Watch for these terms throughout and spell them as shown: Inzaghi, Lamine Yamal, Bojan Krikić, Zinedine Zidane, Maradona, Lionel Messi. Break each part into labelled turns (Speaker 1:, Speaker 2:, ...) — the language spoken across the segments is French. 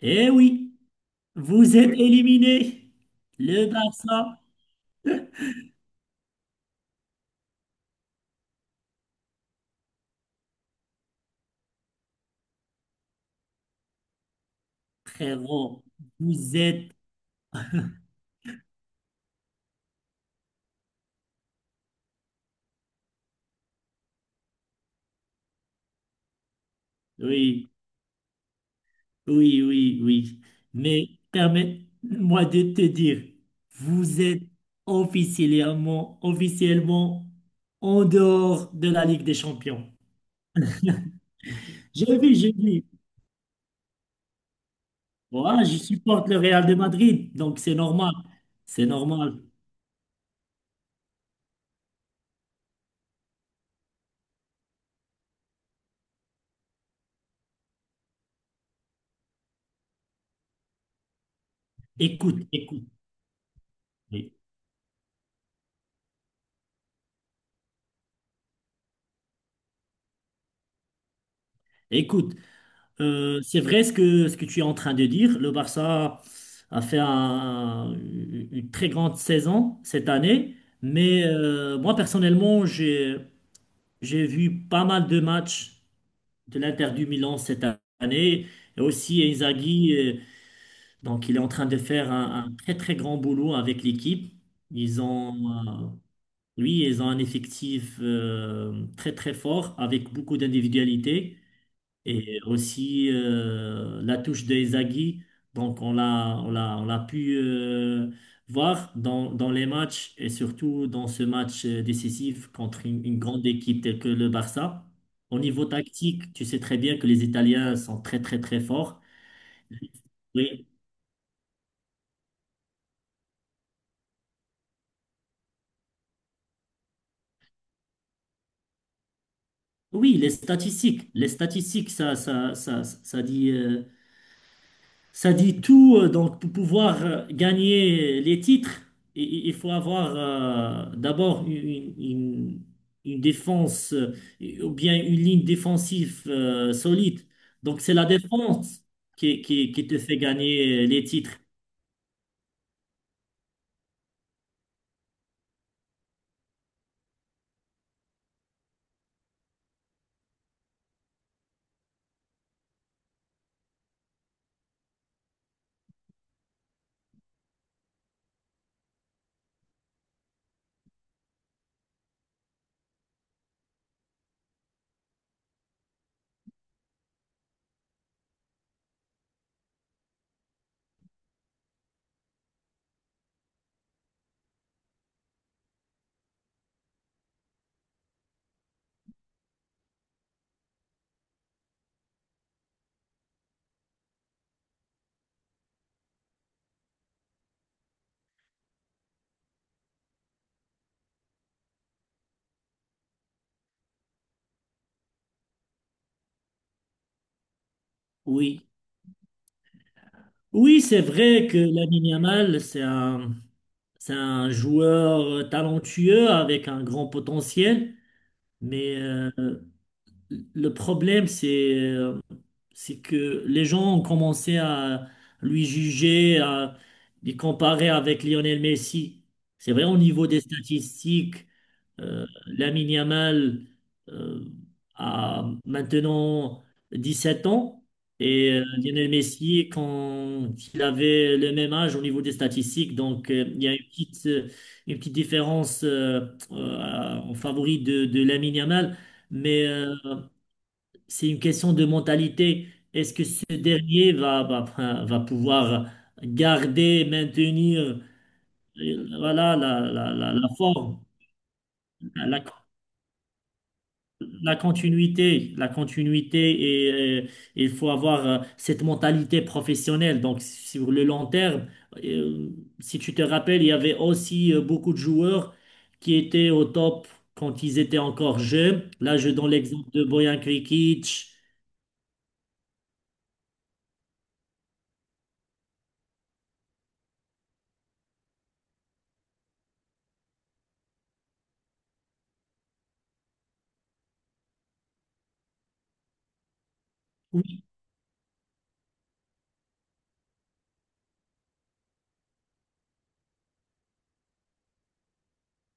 Speaker 1: Eh oui, vous êtes éliminé. Le Barça, frérot, vous êtes... Oui, oui, oui, oui. Mais permets-moi de te dire, vous êtes officiellement, officiellement en dehors de la Ligue des Champions. J'ai vu, j'ai vu. Voilà, je supporte le Real de Madrid, donc c'est normal. C'est normal. Écoute, écoute. Oui. Écoute. C'est vrai ce que tu es en train de dire. Le Barça a fait une très grande saison cette année, mais moi personnellement, j'ai vu pas mal de matchs de l'Inter du Milan cette année. Et aussi Inzaghi, donc il est en train de faire un très très grand boulot avec l'équipe. Ils ont, oui, ils ont un effectif très très fort avec beaucoup d'individualités. Et aussi la touche de Inzaghi, donc on l'a pu voir dans les matchs et surtout dans ce match décisif contre une grande équipe telle que le Barça. Au niveau tactique, tu sais très bien que les Italiens sont très très très forts. Oui, oui, les statistiques, ça dit. Ça dit tout, donc pour pouvoir gagner les titres, il faut avoir d'abord une défense ou bien une ligne défensive solide. Donc c'est la défense qui te fait gagner les titres. Oui. Oui, c'est vrai que Lamine Yamal, c'est un joueur talentueux avec un grand potentiel, mais le problème, c'est que les gens ont commencé à lui juger, à les comparer avec Lionel Messi. C'est vrai, au niveau des statistiques, Lamine Yamal euh, a maintenant 17 ans et Lionel Messi, quand il avait le même âge au niveau des statistiques, donc il y a une petite différence en favori de Lamine Yamal. Mais c'est une question de mentalité. Est-ce que ce dernier va pouvoir garder, maintenir, voilà, la forme, la, la continuité, la continuité et il faut avoir cette mentalité professionnelle. Donc, sur le long terme, euh, si tu te rappelles, il y avait aussi beaucoup de joueurs qui étaient au top quand ils étaient encore jeunes. Là, je donne l'exemple de Bojan Krikić.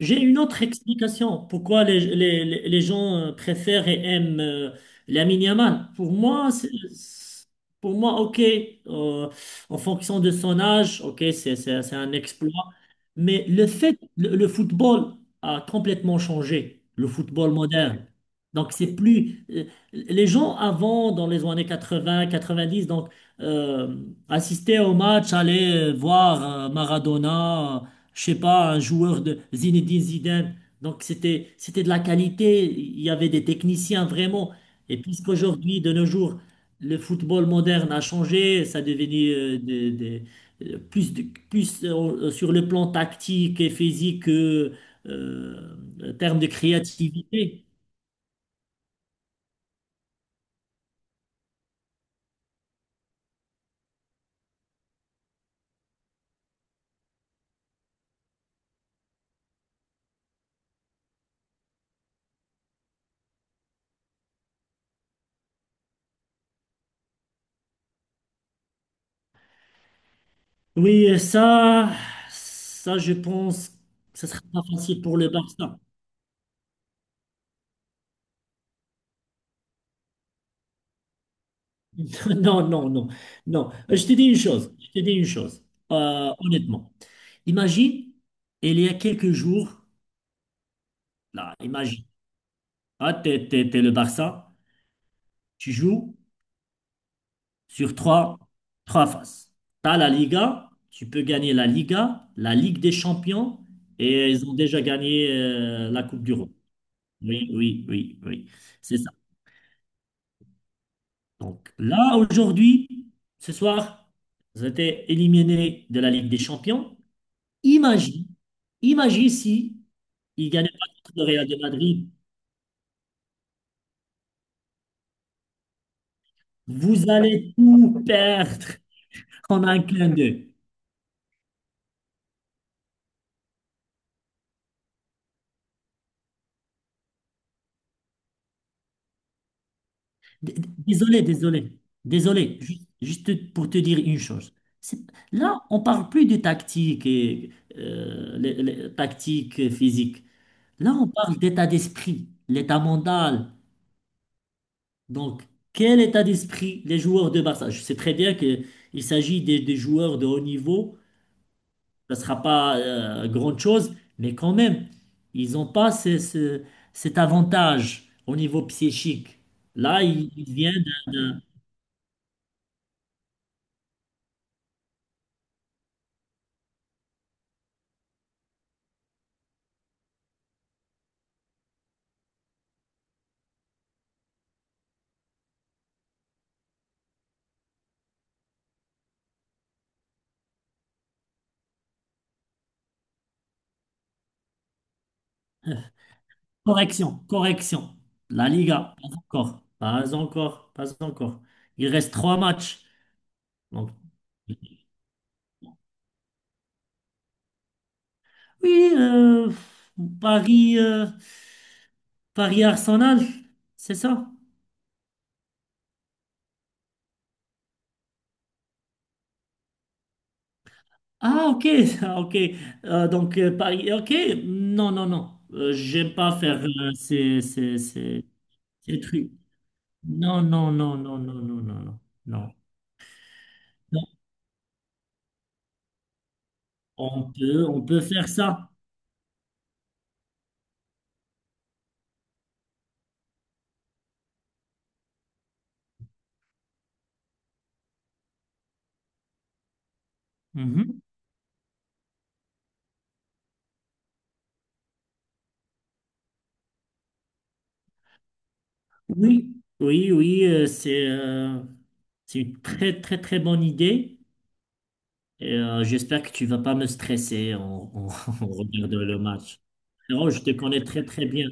Speaker 1: J'ai une autre explication. Pourquoi les gens préfèrent et aiment Lamine Yamal? Pour moi, c'est- pour moi, ok, euh, en fonction de son âge, ok, c'est un exploit. Mais le football a complètement changé, le football moderne. Donc, c'est plus. Les gens avant, dans les années 80, 90, donc, euh, assistaient au match, allaient voir Maradona, je sais pas, un joueur de Zinedine Zidane. Donc c'était de la qualité, il y avait des techniciens vraiment. Et puisqu'aujourd'hui, de nos jours, le football moderne a changé, ça a devenu euh, plus, de- plus sur le plan tactique et physique que euh, en termes de créativité. Oui, ça je pense que ce sera pas facile pour le Barça. Non, non, non, non. Je te dis une chose, je te dis une chose, honnêtement. Imagine, il y a quelques jours, là, imagine, ah, t'es le Barça, tu joues sur trois phases. T'as la Liga, tu peux gagner la Liga, la Ligue des Champions, et ils ont déjà gagné la Coupe du Rhum. Oui, oui, oui, oui, c'est ça. Donc là, aujourd'hui, ce soir, ils ont été éliminés de la Ligue des Champions. Imagine, imagine si il ne gagnait pas contre le Real de Madrid. Vous allez tout perdre en un clin d'œil. Désolé, désolé, désolé. Juste pour te dire une chose. C'est- Là, on parle plus de tactique et les tactiques physiques. Là, on parle d'état d'esprit, l'état mental. Donc, quel état d'esprit les joueurs de Barça? Je sais très bien qu'il s'agit des joueurs de haut niveau ne sera pas grande chose, mais quand même, ils n'ont pas cet avantage au niveau psychique. Là, il vient de, de- correction, correction. La Liga, pas encore, pas encore, pas encore. Il reste trois matchs. Donc, oui, Paris, Paris Arsenal, c'est ça? Ah, ok, ah, ok. Donc, Paris, ok. Non, non, non. J'aime pas faire ces, ces, ces- Ces truc. Non, non, non, non, non, non, non, non, non. Non, on peut faire ça. Mhm. Oui, oui, oui, c'est une très, très, très bonne idée. Et, j'espère que tu vas pas me stresser en- en regardant le match. Non, je te connais très, très bien.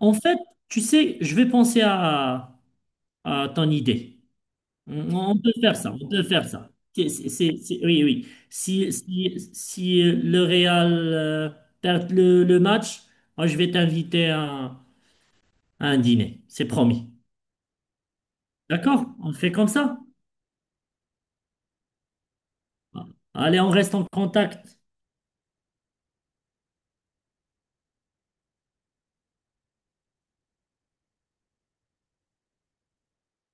Speaker 1: En fait, tu sais, je vais penser à ton idée. On peut faire ça, on peut faire ça. Oui, oui. Si le Real perd le match, moi je vais t'inviter à un dîner, c'est promis. D'accord? On fait comme ça? Bon. Allez, on reste en contact.